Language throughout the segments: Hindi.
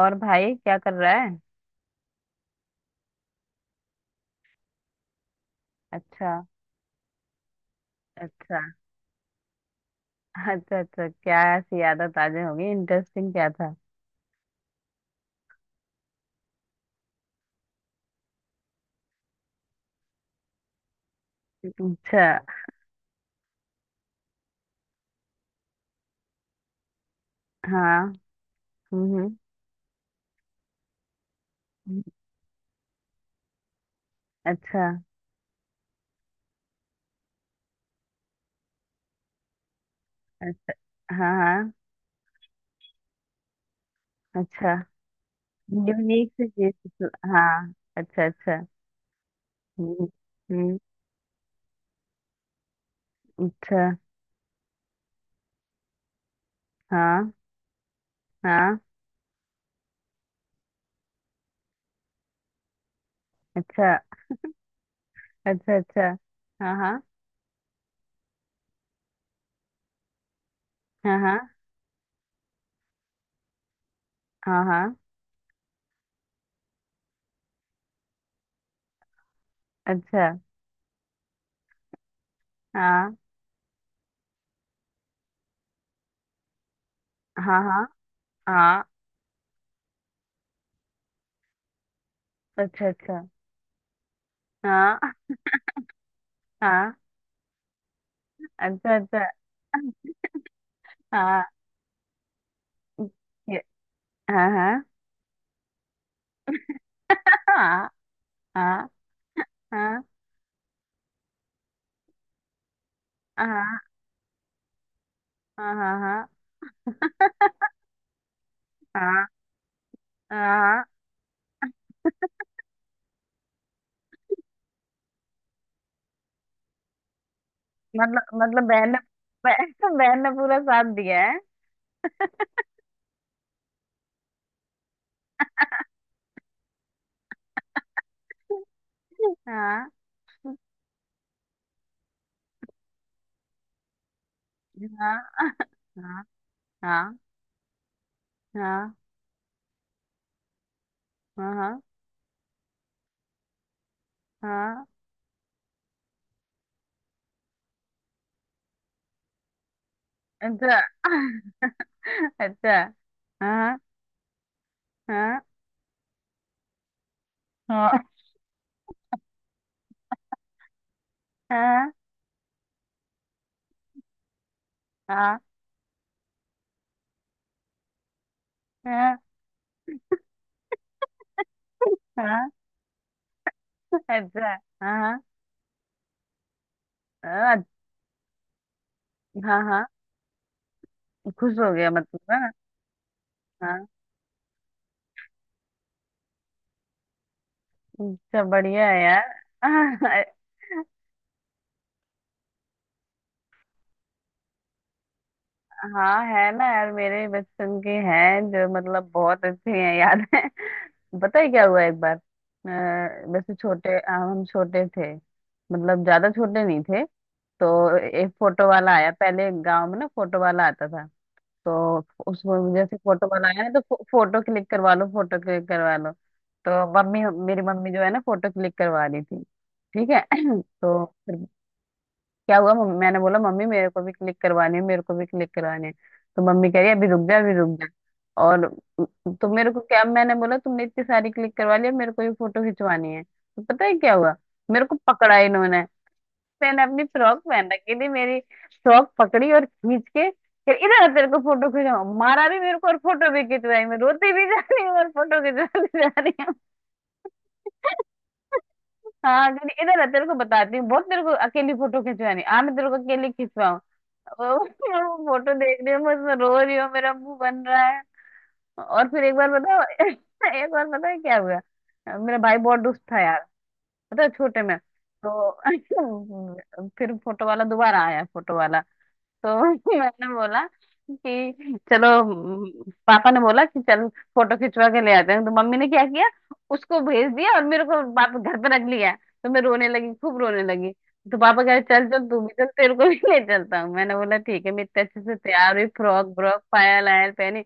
और भाई क्या कर रहा है। अच्छा अच्छा। अच्छा अच्छा, क्या ऐसी आदत आज होगी? इंटरेस्टिंग क्या था? अच्छा। हाँ। हम्म। हम्म, अच्छा अच्छा। हाँ हाँ। अच्छा। यूनिक सी चीज। हाँ। अच्छा अच्छा। हम्म। हम्म, अच्छा। हाँ हाँ। अच्छा अच्छा। अच्छा। हाँ हाँ। हाँ। हाँ हाँ। हाँ। अच्छा। हाँ हाँ। हाँ। हाँ। अच्छा अच्छा। हाँ हाँ। अच्छा अच्छा। हाँ हाँ हाँ। हाँ। हाँ। हाँ हाँ। हाँ। हाँ। हाँ। हाँ। मतलब मतलब बहन ने बहन बहन ने पूरा साथ दिया है। हाँ। हाँ। हाँ। हाँ। हाँ। हाँ। हाँ। अच्छा। अच्छा। हाँ। हाँ। हाँ। हाँ। हाँ। हाँ। हाँ। अच्छा। हाँ। हाँ। हाँ। हाँ। खुश हो गया मतलब, हाँ। हाँ। अच्छा, बढ़िया है यार। हाँ है ना यार, मेरे बचपन के हैं जो मतलब बहुत अच्छे हैं, याद है। पता है क्या हुआ? एक बार वैसे छोटे, हम छोटे थे, मतलब ज्यादा छोटे नहीं थे। तो एक फोटो वाला आया, पहले गांव में ना फोटो वाला आता था। तो उसमें जैसे फोटो वाला आया ना, तो फोटो क्लिक करवा लो, फोटो क्लिक करवा लो। तो मम्मी, मेरी मम्मी जो है ना, फोटो क्लिक करवा रही थी। ठीक है। तो फिर क्या हुआ, मम्मी, मैंने बोला मम्मी मेरे को भी क्लिक करवाने हैं, मेरे को भी क्लिक करवाने हैं। तो मम्मी कह रही अभी रुक जा, अभी रुक जा। और तो मेरे को क्या, मैंने बोला तुमने इतनी सारी क्लिक करवा लिया, मेरे को ये फोटो खिंचवानी है। तो पता है क्या हुआ, मेरे को पकड़ा इन्होंने। मैंने अपनी फ्रॉक पहन रखी थी, मेरी फ्रॉक पकड़ी और खींच के फिर इधर आ, तेरे को फोटो खिंचवा, मारा भी मेरे को और फोटो भी खिंचवाई। मैं रोती भी जा रही हूँ और फोटो खिंचवाती जा रही। हाँ, क्योंकि इधर आ, तेरे को बताती हूँ बहुत, तेरे को अकेली फोटो खिंचवानी आ, मैं तेरे को अकेली खिंचवाऊँ। वो फोटो देख रही हूँ, मैं उसमें रो रही हूँ, मेरा मुंह बन रहा है। और फिर एक बार बताओ, एक बार पता है क्या हुआ। मेरा भाई बहुत दुष्ट था यार, पता है छोटे में। तो फिर फोटो वाला दोबारा आया, फोटो वाला। तो मैंने बोला कि पापा ने बोला कि चल फोटो खिंचवा के ले आते हैं। तो मम्मी ने क्या किया, उसको भेज दिया और मेरे को पापा घर पे रख लिया। तो मैं रोने लगी, खूब रोने लगी। तो पापा कह रहे चल चल, तू भी चल, तेरे को भी ले चलता हूँ। मैंने बोला ठीक है, मैं इतने अच्छे से तैयार हुई, फ्रॉक ब्रॉक पायल आयल पहनी।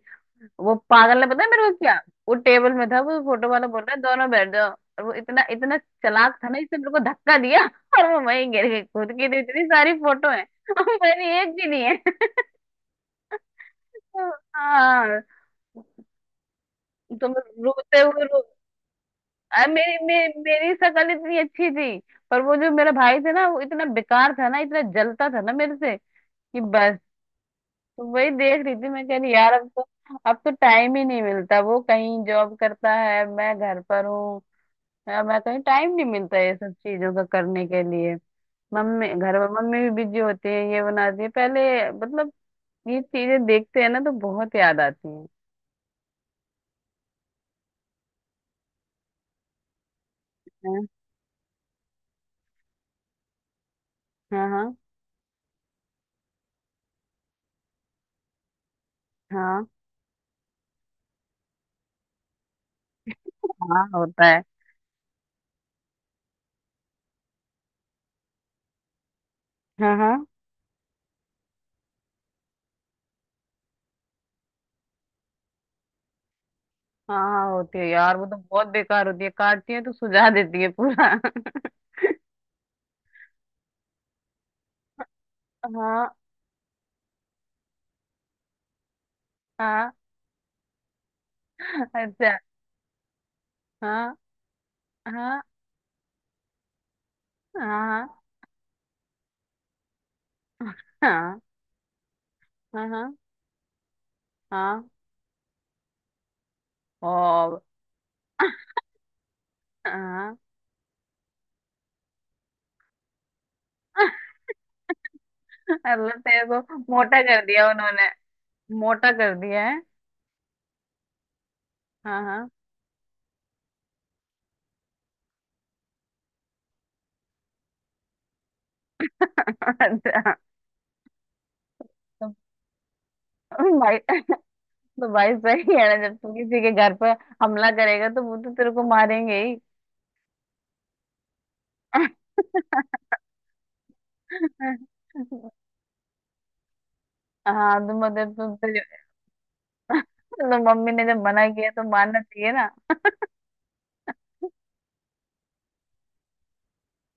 वो पागल ने पता है मेरे को क्या, वो टेबल में था, वो फोटो वाला बोल रहा है दोनों बैठ जाओ। और वो इतना इतना चालाक था ना, इसने मेरे को धक्का दिया, और वो वहीं गिर गई खुद की। तो इतनी सारी फोटो है, मेरी एक भी नहीं है। हाँ। तुम रोते हुए रो, अरे मेरी मेरी शक्ल इतनी अच्छी थी। पर वो जो मेरा भाई था ना, वो इतना बेकार था ना, इतना जलता था ना मेरे से, कि बस। तो वही देख रही थी, मैं कह रही यार अब तो, अब तो टाइम ही नहीं मिलता। वो कहीं जॉब करता है, मैं घर पर हूँ। मैं कहीं टाइम नहीं मिलता ये सब चीजों का करने के लिए। मम्मी घर पर, मम्मी भी बिजी होती है, ये बनाती है पहले, मतलब ये चीजें देखते हैं ना तो बहुत याद आती है। हाँ हाँ हाँ। हाँ, हाँ होता है। हाँ हाँ हाँ, हाँ होती है यार, वो तो बहुत बेकार होती है, काटती है तो सुझा देती है पूरा। हाँ। हाँ। अच्छा। हाँ। हाँ। हाँ। हाँ। हाँ। हाँ। हाँ। और। हाँ। अल्लाह तेरे को मोटा कर दिया उन्होंने। मोटा कर दिया है। हाँ हाँ। अच्छा। तो भाई, तो भाई सही है ना, जब तू किसी के घर पर हमला करेगा तो वो तो तेरे को मारेंगे ही। हाँ तो मतलब तो, तो मम्मी ने जब मना किया तो मानना चाहिए ना।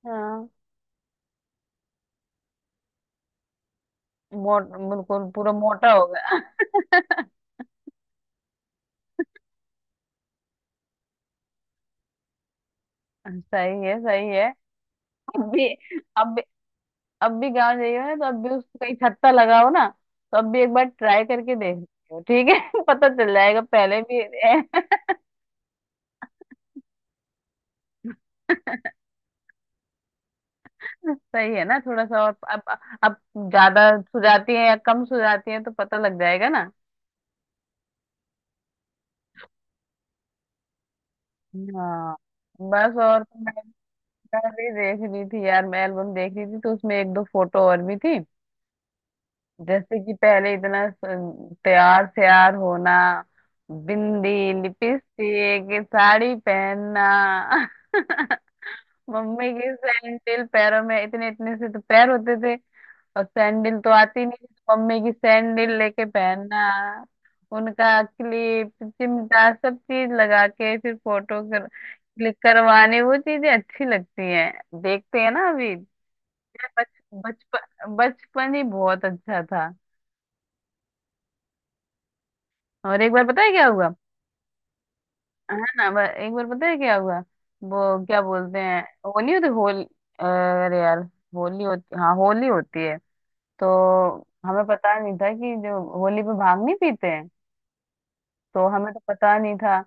हाँ, मोट बिल्कुल पूरा मोटा हो गया। सही है, सही है। अब भी, अब भी, अब भी गाँव जाइए ना, तो अब भी उसको कहीं छत्ता लगाओ ना, तो अब भी एक बार ट्राई करके देख लियो, ठीक है। पता चल जाएगा पहले भी। सही है ना, थोड़ा सा और अब ज्यादा सुझाती है या कम सुझाती है तो पता लग जाएगा ना। हाँ। बस और, मैं भी देख रही थी यार, मैं एल्बम देख रही थी तो उसमें एक दो फोटो और भी थी। जैसे कि पहले इतना तैयार श्यार होना, बिंदी, लिपस्टिक, साड़ी पहनना। मम्मी की सैंडल, पैरों में इतने इतने से तो पैर होते थे और सैंडल तो आती नहीं थी, तो मम्मी की सैंडल लेके पहनना, उनका क्लिप चिमटा सब चीज लगा के फिर फोटो कर, क्लिक करवाने। वो चीजें अच्छी लगती हैं देखते हैं ना अभी। बच बचपन, बचपन ही बहुत अच्छा था। और एक बार पता है क्या हुआ, है ना, एक बार पता है क्या हुआ। वो क्या बोलते हैं वो, नहीं होती होली, अरे यार होली, होती हाँ होली होती है। तो हमें पता नहीं था कि जो होली पे भांग नहीं पीते हैं, तो हमें तो पता नहीं था।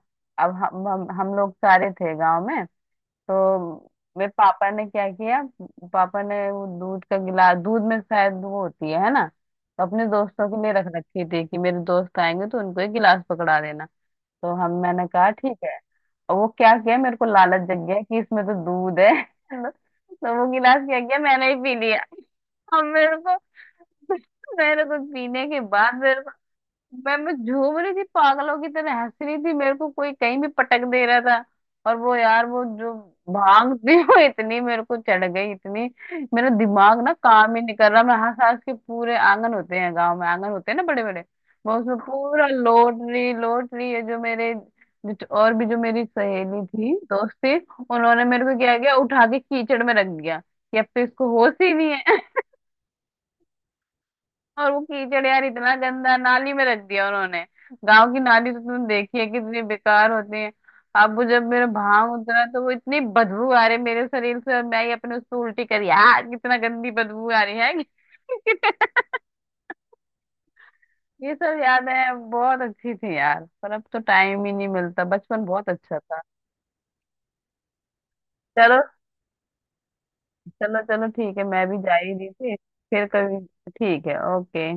अब हम लोग सारे थे गांव में। तो मेरे पापा ने क्या किया, पापा ने वो दूध का गिलास, दूध में शायद वो होती है ना, तो अपने दोस्तों के लिए रख रखी थी कि मेरे दोस्त आएंगे तो उनको एक गिलास पकड़ा देना। तो हम, मैंने कहा ठीक है। और वो क्या किया, मेरे को लालच जग गया कि इसमें तो दूध है। तो वो गिलास क्या किया, मैंने ही पी लिया। अब मेरे को, मेरे को पीने के बाद मेरे को, मैं झूम रही थी, पागलों की तरह हंस रही थी, मेरे को कोई कहीं भी पटक दे रहा था। और वो यार वो जो भांग थी वो इतनी मेरे को चढ़ गई, इतनी मेरा दिमाग ना काम ही नहीं कर रहा, मैं हंस हंस के पूरे आंगन, होते हैं गांव में आंगन होते हैं ना बड़े बड़े, मैं उसमें पूरा लौट रही, लौट रही है जो मेरे, जो- और भी जो मेरी सहेली थी, दोस्त थी, उन्होंने मेरे को क्या किया उठा के कीचड़ में रख दिया कि अब तो इसको होश ही नहीं है। और वो कीचड़ यार इतना गंदा नाली में रख दिया उन्होंने, गांव की नाली तो तुमने देखी है कितनी बेकार होती है। अब वो जब मेरा भाव उतरा, तो वो इतनी बदबू आ रही मेरे शरीर से, और मैं ही अपने उसको उल्टी करी यार, कितना गंदी बदबू आ रही है। ये सब यादें बहुत अच्छी थी यार, पर अब तो टाइम ही नहीं मिलता, बचपन बहुत अच्छा था। चलो, चलो चलो ठीक है, मैं भी जा ही रही थी। फिर कभी, ठीक है ओके।